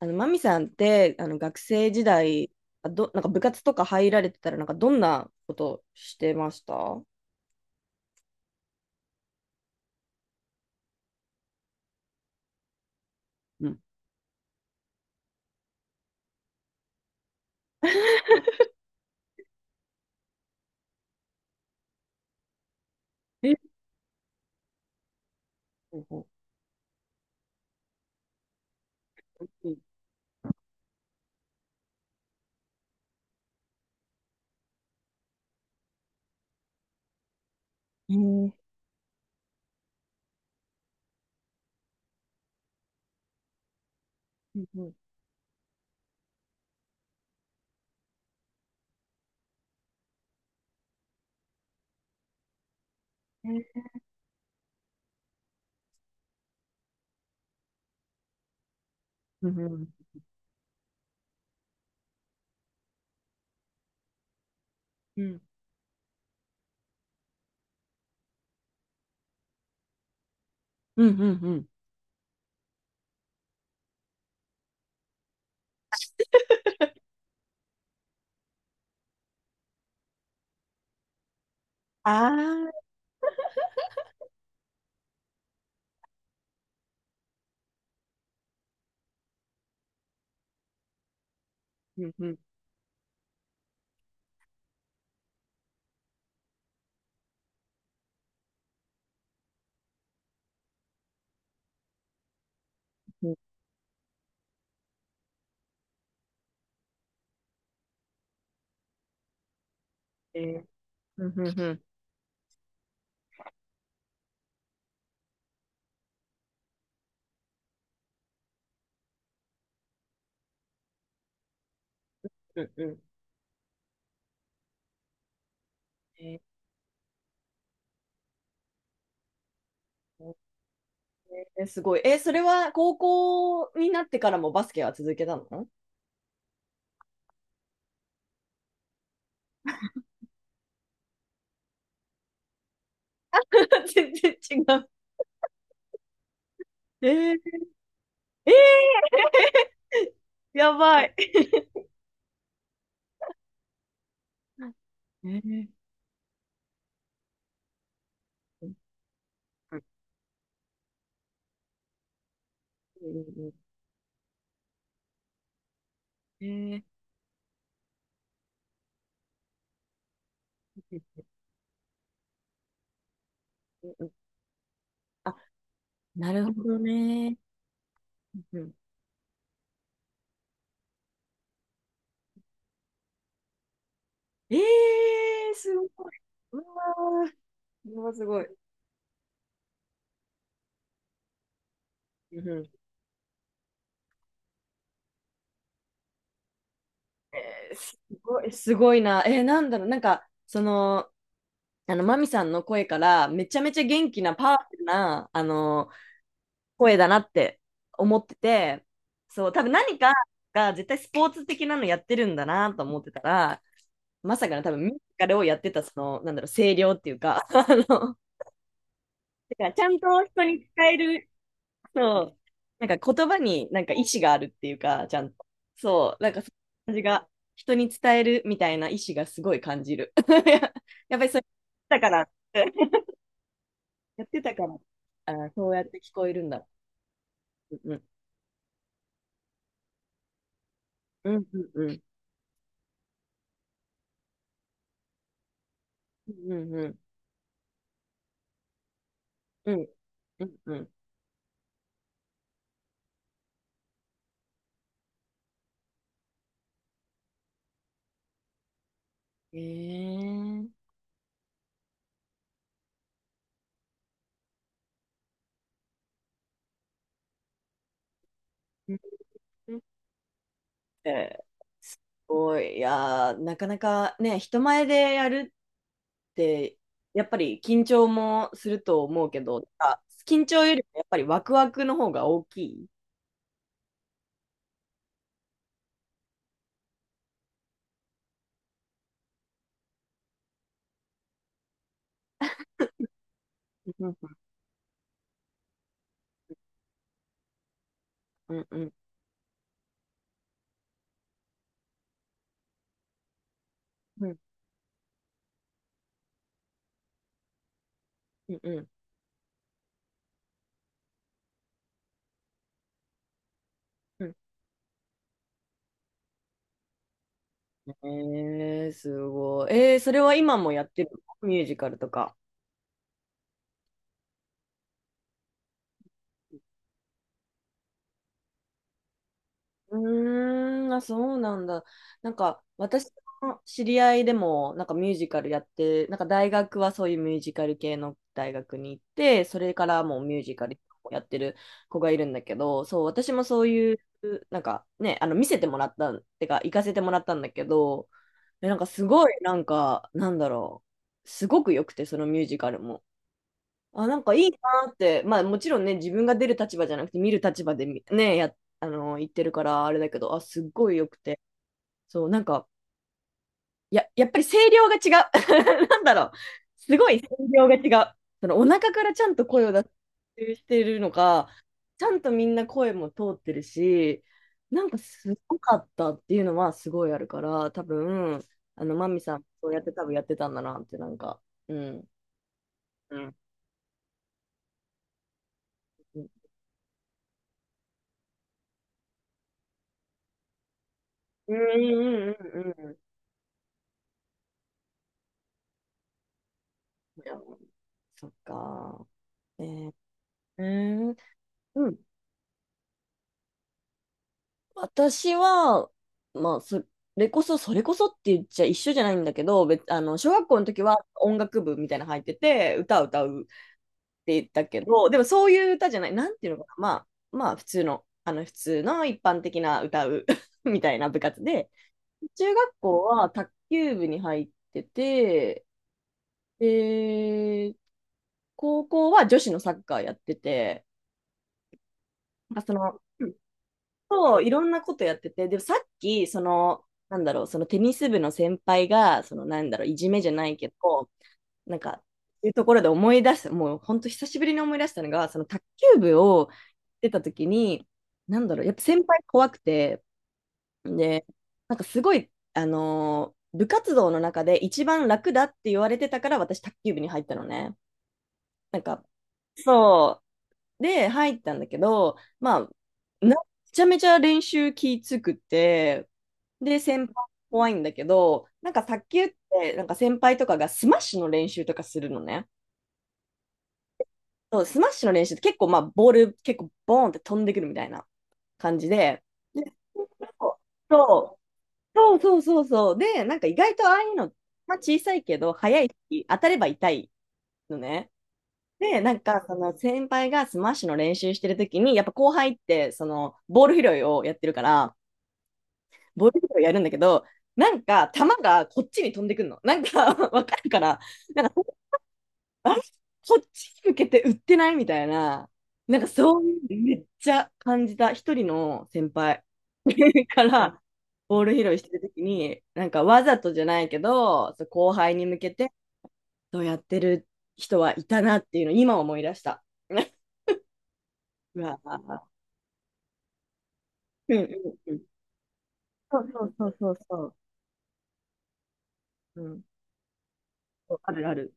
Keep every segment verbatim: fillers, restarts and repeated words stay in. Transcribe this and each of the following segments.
あの、マミさんって、あの、学生時代、あど、なんか部活とか入られてたら、なんかどんなことしてました？うん。え、ほうほう、ん、うん、えー、うん、うん、うん、うん、うん、うん、うん、うん。ああ、うん、うん、うん、えーうん、うん、うん、うん、うん、えー、えー、すごい。えー、それは高校になってからもバスケは続けたの？ 全然違う。えー、えー、やばい。えー、うん、うん、えー、うん、あ、なるほどね。うん、えー、すごい。うわー、これはすごい。うん、すごい、すごいな。えー、なんだろう、なんか、その、あの、マミさんの声から、めちゃめちゃ元気なパワフルな、あの、声だなって思ってて、そう、多分何かが絶対スポーツ的なのやってるんだなと思ってたら、まさかの多分ミュージカルをやってた、その、なんだろう、声量っていうか、あの、だからちゃんと人に使える。そう。なんか言葉になんか意志があるっていうか、ちゃんと。そう。なんかその感じが、人に伝えるみたいな意志がすごい感じる。やっぱりそれだから、やってたから、あー、そうやって聞こえるんだ。うん、うん、うん、うん、うん、うん、うん、うん、うん。へえー。うん、えー、すごい。いやー、なかなかね、人前でやるで、やっぱり緊張もすると思うけど、なんか緊張よりもやっぱりワクワクの方が大きい。うん、うん、うん、うん、うん、うん、うん。えー、すごい。えー、それは今もやってるの？ミュージカルとか。うーん、あ、そうなんだ。なんか、私の知り合いでも、なんかミュージカルやって、なんか大学はそういうミュージカル系の大学に行って、それからもうミュージカルをやってる子がいるんだけど、そう、私もそういう、なんかね、あの、見せてもらったん、てか、行かせてもらったんだけど、え、なんかすごい、なんか、なんだろう、すごく良くて、そのミュージカルも。あ、なんかいいなって、まあもちろんね、自分が出る立場じゃなくて見る立場でみね、や、あの、言ってるからあれだけど、あ、すっごい良くて。そう、なんか、や、やっぱり声量が違う。なんだろう。すごい声量が違う。そのお腹からちゃんと声を出してるのか、ちゃんとみんな声も通ってるし、なんかすごかったっていうのはすごいあるから、多分、あの、マミさん、そうやって多分やってたんだなって、なんか、うん。うん。うん、うん、うん、うん、うん。いや、そっか。えー、うーん。うん。私は、まあ、それこそ、それこそって言っちゃ一緒じゃないんだけど、別、あの、小学校の時は音楽部みたいなの入ってて、歌を歌うって言ったけど、でもそういう歌じゃない、なんていうのかな、まあ、まあ、普通の、あの、普通の一般的な歌う みたいな部活で、中学校は卓球部に入ってて、で、高校は女子のサッカーやってて、なんかその、そう、いろんなことやってて、でもさっき、その、なんだろう、そのテニス部の先輩が、その、なんだろう、いじめじゃないけど、なんか、っていうところで思い出す、もう本当久しぶりに思い出したのが、その卓球部を出た時に、なんだろう、やっぱ先輩怖くて、で、なんかすごい、あのー部活動の中で一番楽だって言われてたから、私、卓球部に入ったのね。なんか、そうで、入ったんだけど、まあ、めちゃめちゃ練習きつくて、で、先輩怖いんだけど、なんか卓球って、なんか先輩とかがスマッシュの練習とかするのね。そう、スマッシュの練習って結構、まあ、ボール結構ボーンって飛んでくるみたいな感じで、で、そう、そう、そう、そう、そう。で、なんか意外とああいうの、まあ、小さいけど、速いし、当たれば痛いのね。で、なんか、その先輩がスマッシュの練習してるときに、やっぱ後輩って、その、ボール拾いをやってるから、ボール拾いやるんだけど、なんか、球がこっちに飛んでくるの。なんか、わかるから、なんか、あれ、こっちに向けて打ってないみたいな、なんかそういうのめっちゃ感じた一人の先輩 からボール拾いしてるときに、なんかわざとじゃないけど、そう、後輩に向けてそうやってる人はいたなっていうのを今思い出した。うわー、うん、うん、うん。そう、そう、そう、そう、そう。うん。あるある。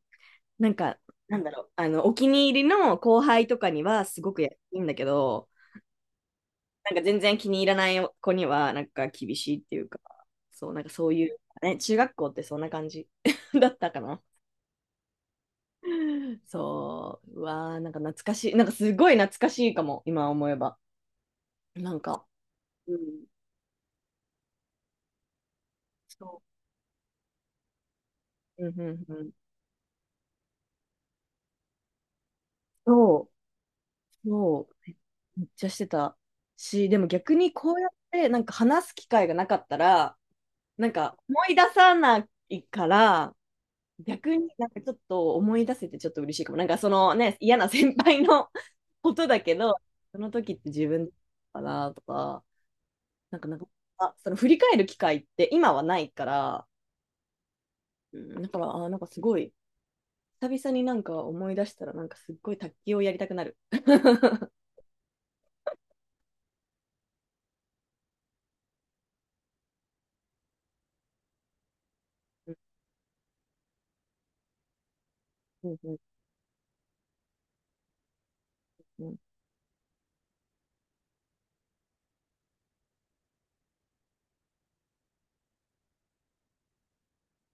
なんか、なんだろう。あの、お気に入りの後輩とかにはすごくやいいんだけど、なんか全然気に入らない子には、なんか厳しいっていうか、そう、なんかそういう、ね、中学校ってそんな感じ だったかな。そう、うわー、なんか懐かしい。なんかすごい懐かしいかも、今思えば。なんか、うん。そう。うん、うん、うん。そう、そう、めめっちゃしてたし、でも逆にこうやってなんか話す機会がなかったら、なんか思い出さないから、逆になんかちょっと思い出せてちょっと嬉しいかも。なんかそのね、嫌な先輩の ことだけど、その時って自分かなとか、なんかなんか、あ、その振り返る機会って今はないから、うん、だから、あ、なんかすごい、久々になんか思い出したらなんかすっごい卓球をやりたくなる。うん、うん、うん、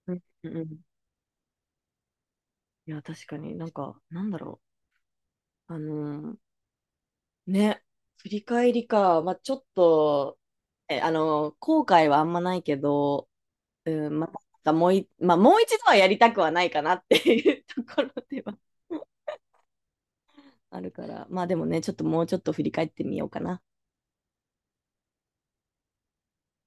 うん、うん、うん、いや、確かになんか、なんだろう。あのーね、振り返りか。まあ、ちょっと、え、あのー後悔はあんまないけど、うん、またもうい、まあ、もう一度はやりたくはないかなっていう ところではあるから、まあでもね、ちょっともうちょっと振り返ってみようかな。